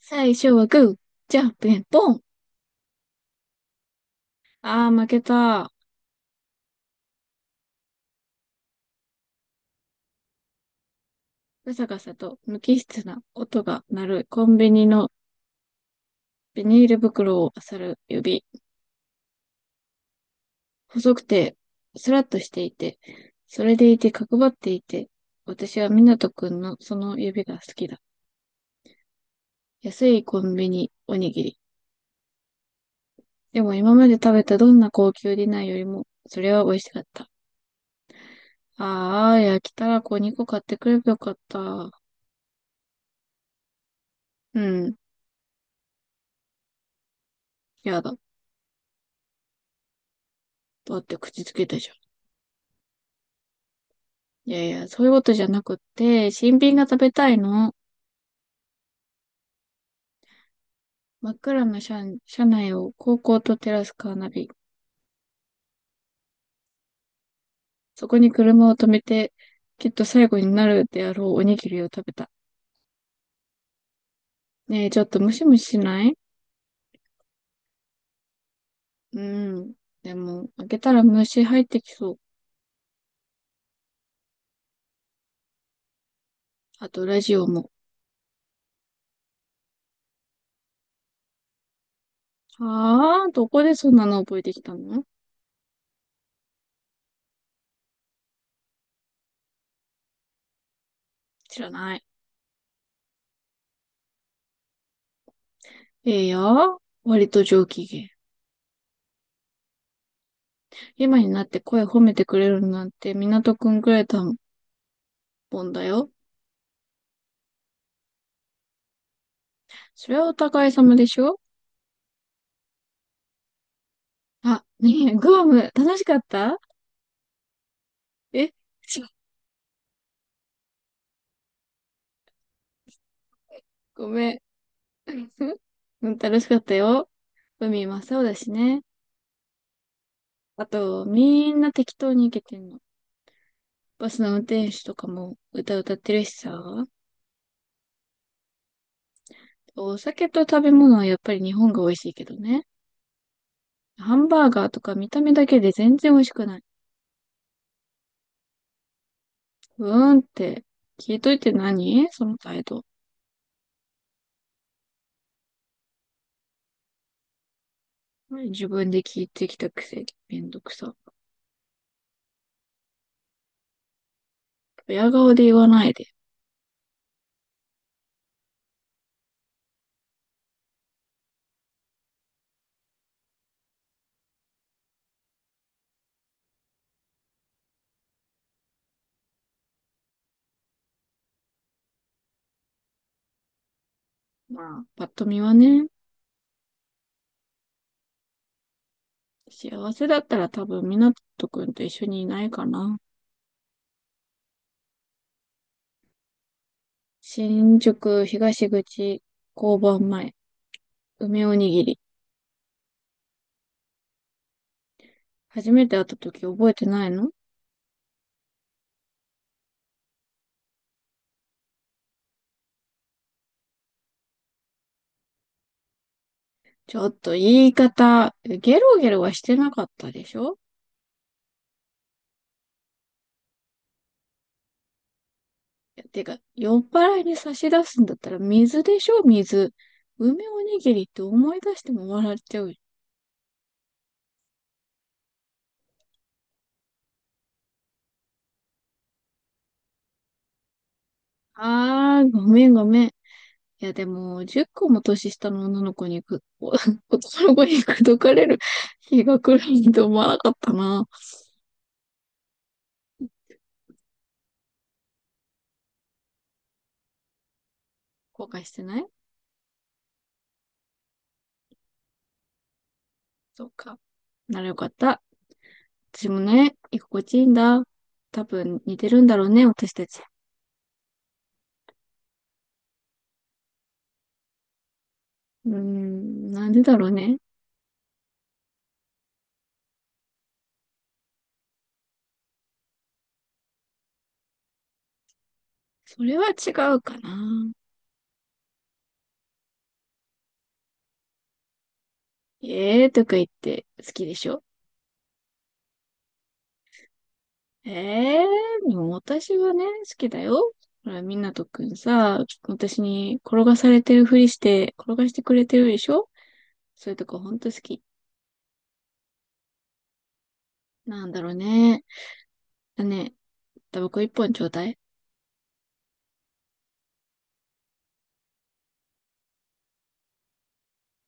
最初はグー、じゃんけんポン。あー、負けた。ガサガサと無機質な音が鳴るコンビニのビニール袋を漁る指。細くて、スラッとしていて、それでいて角張っていて、私は湊斗くんのその指が好きだ。安いコンビニおにぎり。でも今まで食べたどんな高級ディナーよりも、それは美味しかった。ああ、焼きたらこ2個買ってくればよかった。うん、やだ。だって口つけたじゃん。いやいや、そういうことじゃなくって、新品が食べたいの。真っ暗な車、車内を高校と照らすカーナビ。そこに車を止めて、きっと最後になるであろうおにぎりを食べた。ねえ、ちょっとムシムシしない？うん。でも、開けたら虫入ってきそう。あと、ラジオも。はあ、どこでそんなの覚えてきたの？知らない。ええよ。割と上機嫌。今になって声褒めてくれるなんて港くんくらいだもんだよ。それはお互い様でしょ？あ、ねえ、グアム、楽しかった？え、ちょごめん。うん、楽しかったよ。海真っ青だしね。あと、みんな適当に行けてんの。バスの運転手とかも歌歌ってるしさ。お酒と食べ物はやっぱり日本が美味しいけどね。ハンバーガーとか見た目だけで全然美味しくない。うーんって、聞いといて何その態度。自分で聞いてきたくせにめんどくさ。親顔で言わないで。まあ、パッと見はね。幸せだったら多分、みなとくんと一緒にいないかな。新宿東口交番前、梅おにぎり。初めて会った時覚えてないの？ちょっと言い方、ゲロゲロはしてなかったでしょ？てか、酔っ払いに差し出すんだったら水でしょ、水。梅おにぎりって思い出しても笑っちゃう。あー、ごめんごめん。いや、でも、10個も年下の女の子にく、お 男の子に口説かれる 日が来るなんて思わなかったな。後悔してない？そっか。ならよかった。私もね、居心地いいんだ。多分似てるんだろうね、私たち。うーん、なんでだろうね。それは違うかな。えーとか言って好きでしょ？ええー、でも私はね、好きだよ。ほら、みなとくんさ、私に転がされてるふりして、転がしてくれてるでしょ？そういうとこほんと好き。なんだろうね。だね、タバコ一本ちょうだい。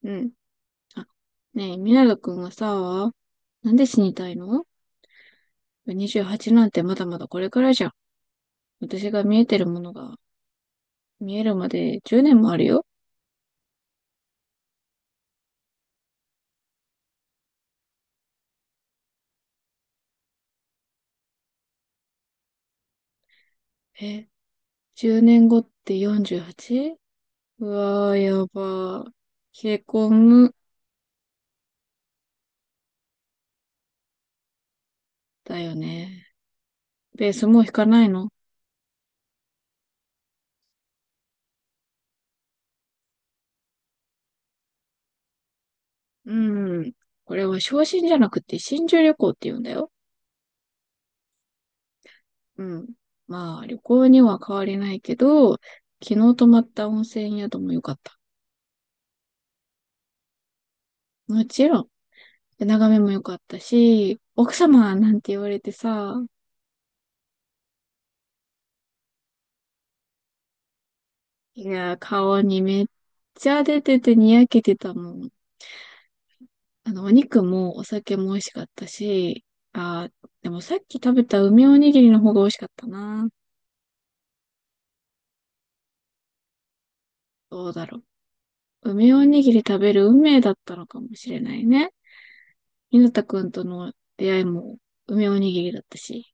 うん。あ、ねえ、ミナく君はさ、なんで死にたいの？ 28 なんてまだまだこれからじゃん。私が見えてるものが見えるまで10年もあるよ。え、10年後って 48？ うはちうわー、やばー。冷え込む。だよね。ベースもう引かないの？うん。これは昇進じゃなくて新住旅行って言うんだよ。うん。まあ、旅行には変わりないけど、昨日泊まった温泉宿も良かった。もちろん、眺めも良かったし、奥様なんて言われてさ、いや、顔にめっちゃ出ててにやけてたもん。あの、お肉もお酒も美味しかったし、あー、でもさっき食べた梅おにぎりの方が美味しかったな。どうだろう。梅おにぎり食べる運命だったのかもしれないね。ひなたくんとの出会いも梅おにぎりだったし。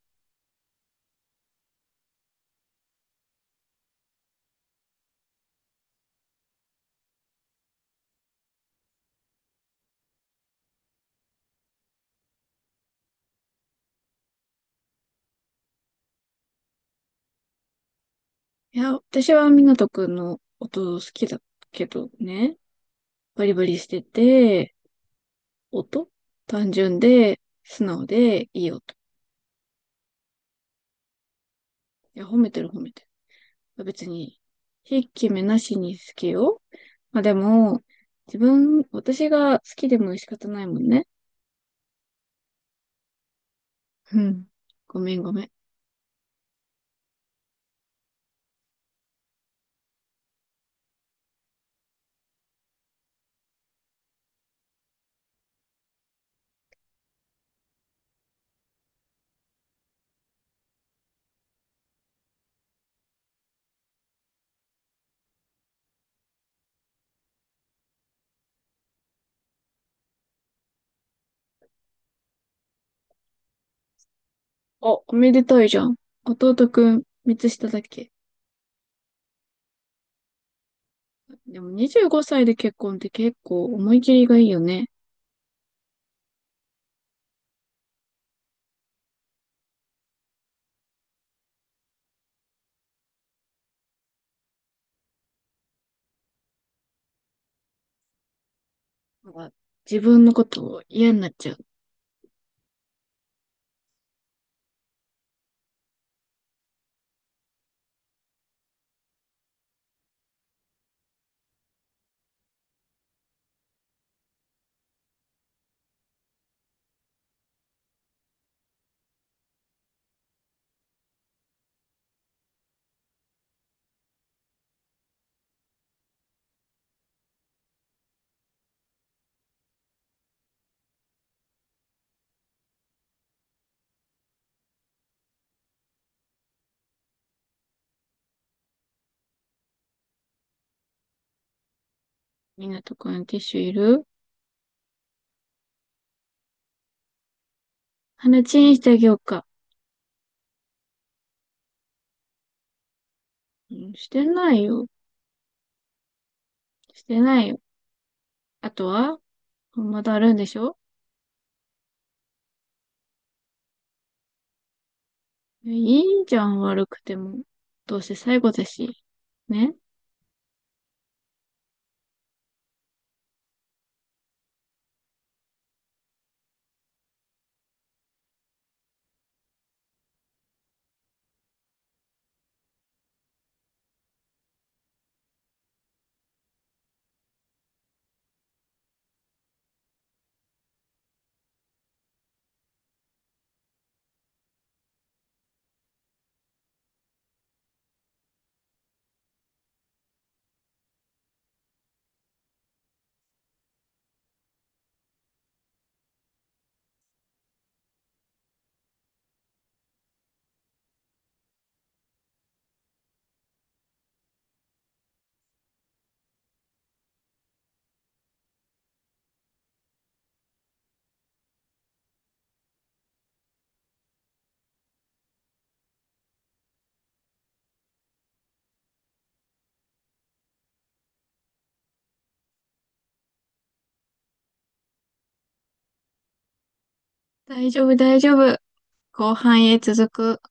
いや、私は湊斗くんの音好きだけどね、バリバリしてて、音単純で、素直で、いい音。いや、褒めてる褒めてる。別に、ひいき目なしに好きよ。まあでも、自分、私が好きでも仕方ないもんね。うん。ごめんごめん。あ、おめでたいじゃん。弟くん、三つ下だっけ？でも25歳で結婚って結構思い切りがいいよね。なんか自分のことを嫌になっちゃう。みなとくんティッシュいる？鼻チンしてあげようか。うん、してないよ。してないよ。あとはまだあるんでしょ？いいじゃん、悪くても。どうせ最後だし。ね、大丈夫、大丈夫。後半へ続く。